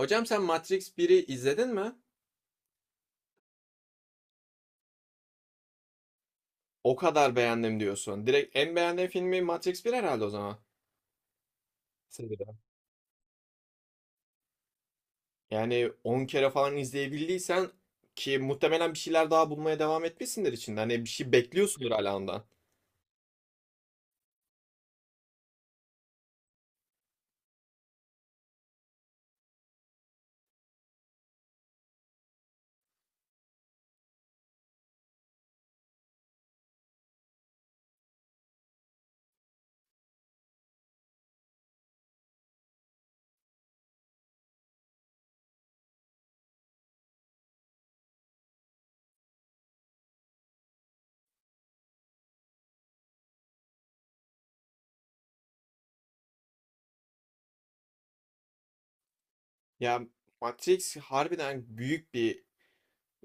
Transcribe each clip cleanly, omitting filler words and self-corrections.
Hocam sen Matrix biri izledin mi? O kadar beğendim diyorsun. Direkt en beğendiğin filmi Matrix 1 herhalde o zaman. Seriden. Yani 10 kere falan izleyebildiysen ki muhtemelen bir şeyler daha bulmaya devam etmişsindir içinde. Hani bir şey bekliyorsundur hala ondan. Ya Matrix harbiden büyük bir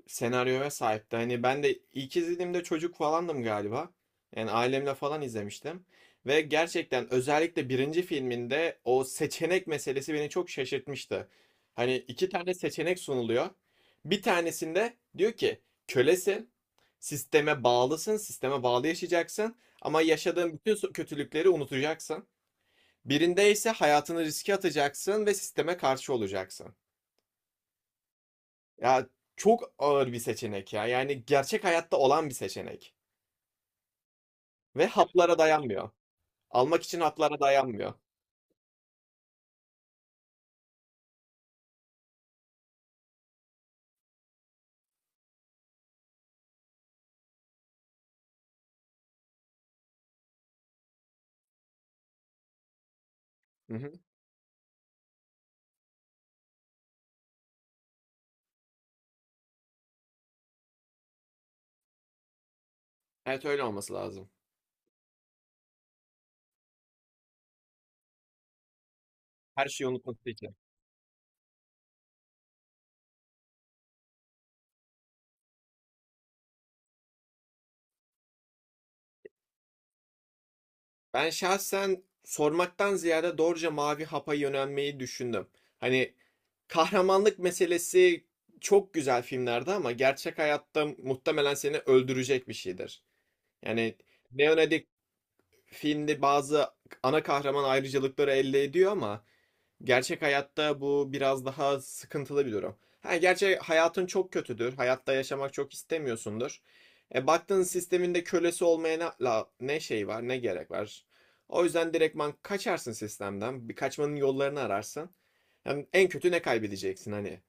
senaryoya sahipti. Hani ben de ilk izlediğimde çocuk falandım galiba. Yani ailemle falan izlemiştim. Ve gerçekten özellikle birinci filminde o seçenek meselesi beni çok şaşırtmıştı. Hani iki tane seçenek sunuluyor. Bir tanesinde diyor ki kölesin, sisteme bağlısın, sisteme bağlı yaşayacaksın ama yaşadığın bütün kötülükleri unutacaksın. Birinde ise hayatını riske atacaksın ve sisteme karşı olacaksın. Ya çok ağır bir seçenek ya. Yani gerçek hayatta olan bir seçenek. Ve haplara dayanmıyor. Almak için haplara dayanmıyor. Hı hı. Evet, öyle olması lazım. Her şeyi unutması için. Ben şahsen sormaktan ziyade doğruca mavi hapa yönelmeyi düşündüm. Hani kahramanlık meselesi çok güzel filmlerde ama gerçek hayatta muhtemelen seni öldürecek bir şeydir. Yani Leonardo filmde bazı ana kahraman ayrıcalıkları elde ediyor ama gerçek hayatta bu biraz daha sıkıntılı bir durum. Ha, gerçi hayatın çok kötüdür. Hayatta yaşamak çok istemiyorsundur. Baktığın sisteminde kölesi olmaya ne, ne şey var, ne gerek var. O yüzden direktman kaçarsın sistemden. Bir kaçmanın yollarını ararsın. Hem en kötü ne kaybedeceksin hani.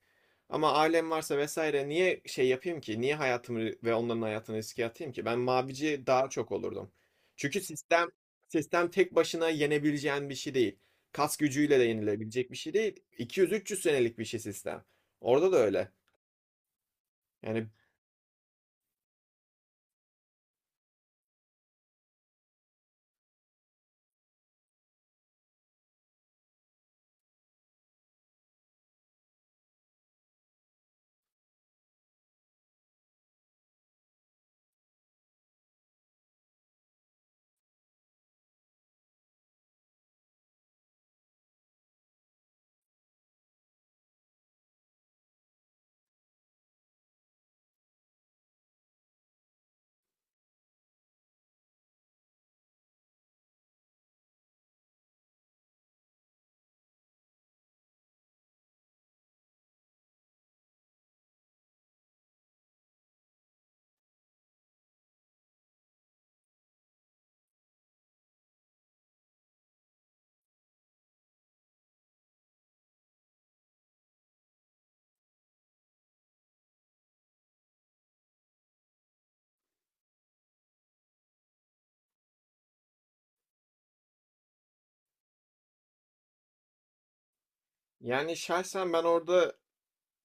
Ama ailem varsa vesaire niye şey yapayım ki? Niye hayatımı ve onların hayatını riske atayım ki? Ben mavici daha çok olurdum. Çünkü sistem tek başına yenebileceğin bir şey değil. Kas gücüyle de yenilebilecek bir şey değil. 200-300 senelik bir şey sistem. Orada da öyle. Yani yani şahsen ben orada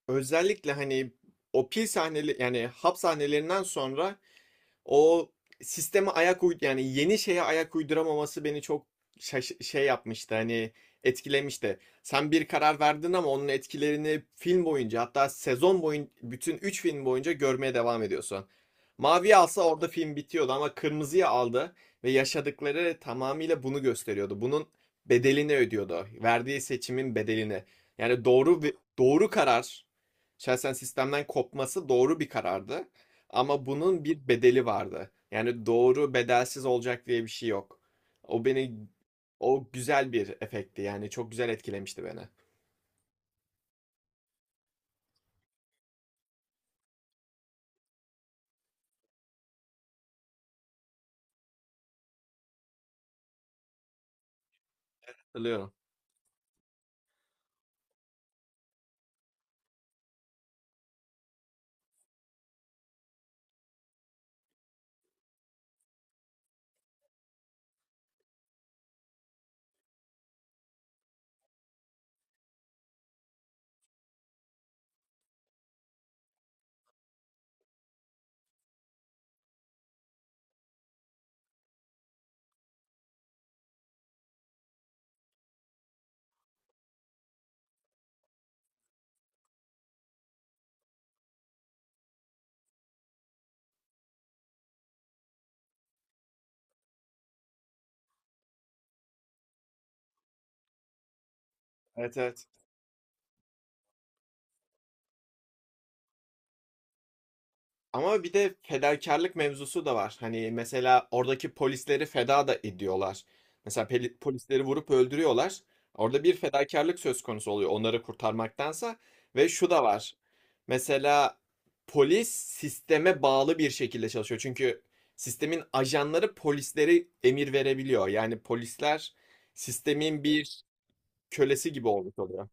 özellikle hani o pil sahneli yani hap sahnelerinden sonra o sisteme ayak uyd yani yeni şeye ayak uyduramaması beni çok şey yapmıştı hani etkilemişti. Sen bir karar verdin ama onun etkilerini film boyunca hatta sezon boyunca bütün 3 film boyunca görmeye devam ediyorsun. Maviyi alsa orada film bitiyordu ama kırmızıya aldı ve yaşadıkları tamamıyla bunu gösteriyordu. Bunun bedelini ödüyordu. Verdiği seçimin bedelini. Yani doğru karar, şahsen sistemden kopması doğru bir karardı. Ama bunun bir bedeli vardı. Yani doğru bedelsiz olacak diye bir şey yok. O beni o güzel bir efekti. Yani çok güzel etkilemişti beni. Hatırlıyorum. Evet, evet. Ama bir de fedakarlık mevzusu da var. Hani mesela oradaki polisleri feda da ediyorlar. Mesela polisleri vurup öldürüyorlar. Orada bir fedakarlık söz konusu oluyor onları kurtarmaktansa. Ve şu da var. Mesela polis sisteme bağlı bir şekilde çalışıyor. Çünkü sistemin ajanları polisleri emir verebiliyor. Yani polisler sistemin bir kölesi gibi olmuş oluyor.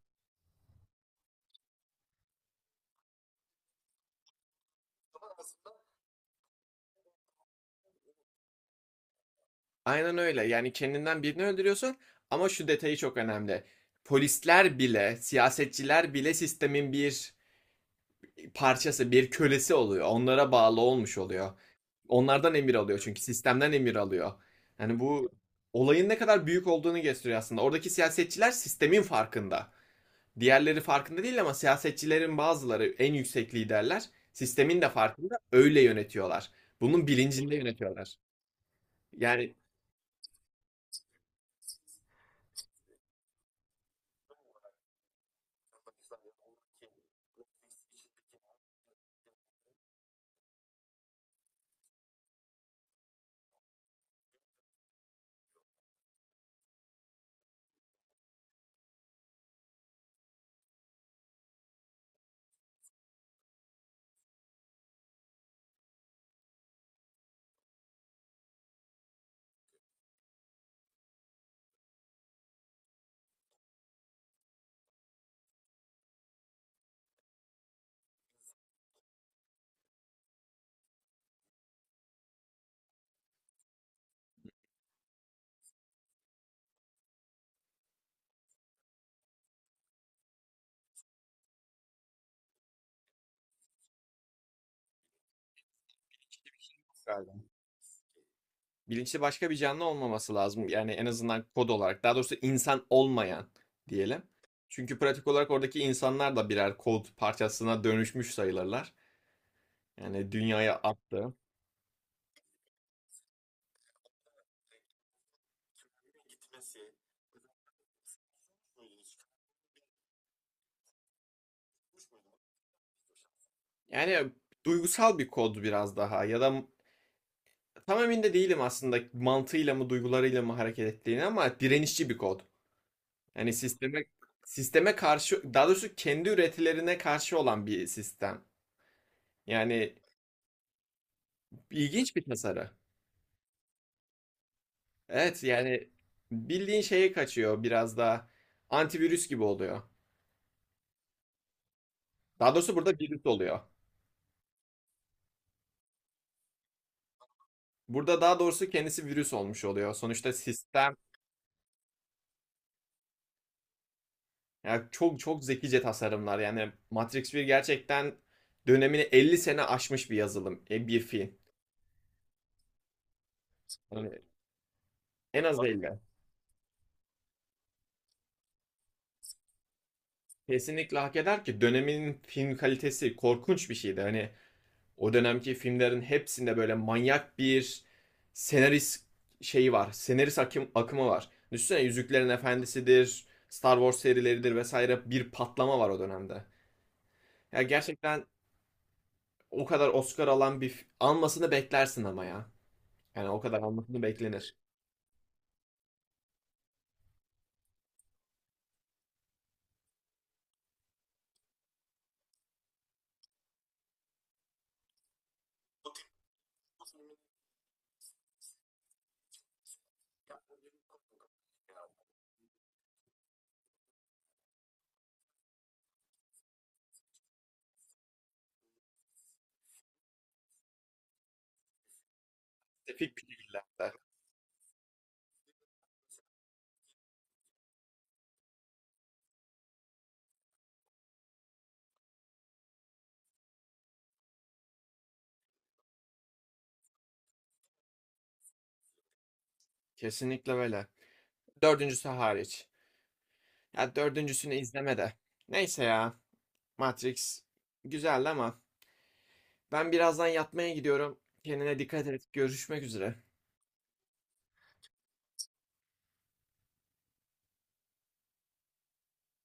Aynen öyle. Yani kendinden birini öldürüyorsun ama şu detayı çok önemli. Polisler bile, siyasetçiler bile sistemin bir parçası, bir kölesi oluyor. Onlara bağlı olmuş oluyor. Onlardan emir alıyor çünkü sistemden emir alıyor. Yani bu olayın ne kadar büyük olduğunu gösteriyor aslında. Oradaki siyasetçiler sistemin farkında. Diğerleri farkında değil ama siyasetçilerin bazıları, en yüksek liderler sistemin de farkında, öyle yönetiyorlar. Bunun bilincinde yönetiyorlar. Yani galiba. Bilinçli başka bir canlı olmaması lazım. Yani en azından kod olarak. Daha doğrusu insan olmayan diyelim. Çünkü pratik olarak oradaki insanlar da birer kod parçasına dönüşmüş sayılırlar. Yani dünyaya attı. Yani duygusal bir kod biraz daha ya da tam emin de değilim aslında mantığıyla mı duygularıyla mı hareket ettiğini ama direnişçi bir kod. Yani sisteme karşı, daha doğrusu kendi üretilerine karşı olan bir sistem. Yani ilginç bir tasarı. Evet, yani bildiğin şeye kaçıyor, biraz daha antivirüs gibi oluyor. Daha doğrusu burada virüs oluyor. Burada daha doğrusu kendisi virüs olmuş oluyor. Sonuçta sistem, yani çok çok zekice tasarımlar. Yani Matrix bir gerçekten dönemini 50 sene aşmış bir yazılım, bir film. Yani en az 50. Kesinlikle hak eder ki dönemin film kalitesi korkunç bir şeydi. Hani o dönemki filmlerin hepsinde böyle manyak bir senarist şeyi var. Akımı var. Düşünsene, Yüzüklerin Efendisi'dir, Star Wars serileridir vesaire, bir patlama var o dönemde. Ya gerçekten o kadar Oscar alan bir almasını beklersin ama ya. Yani o kadar almasını beklenir. Spesifik bir şekilde. Kesinlikle öyle. Dördüncüsü hariç. Ya dördüncüsünü izleme de. Neyse ya. Matrix güzeldi ama ben birazdan yatmaya gidiyorum. Kendine dikkat et. Görüşmek üzere.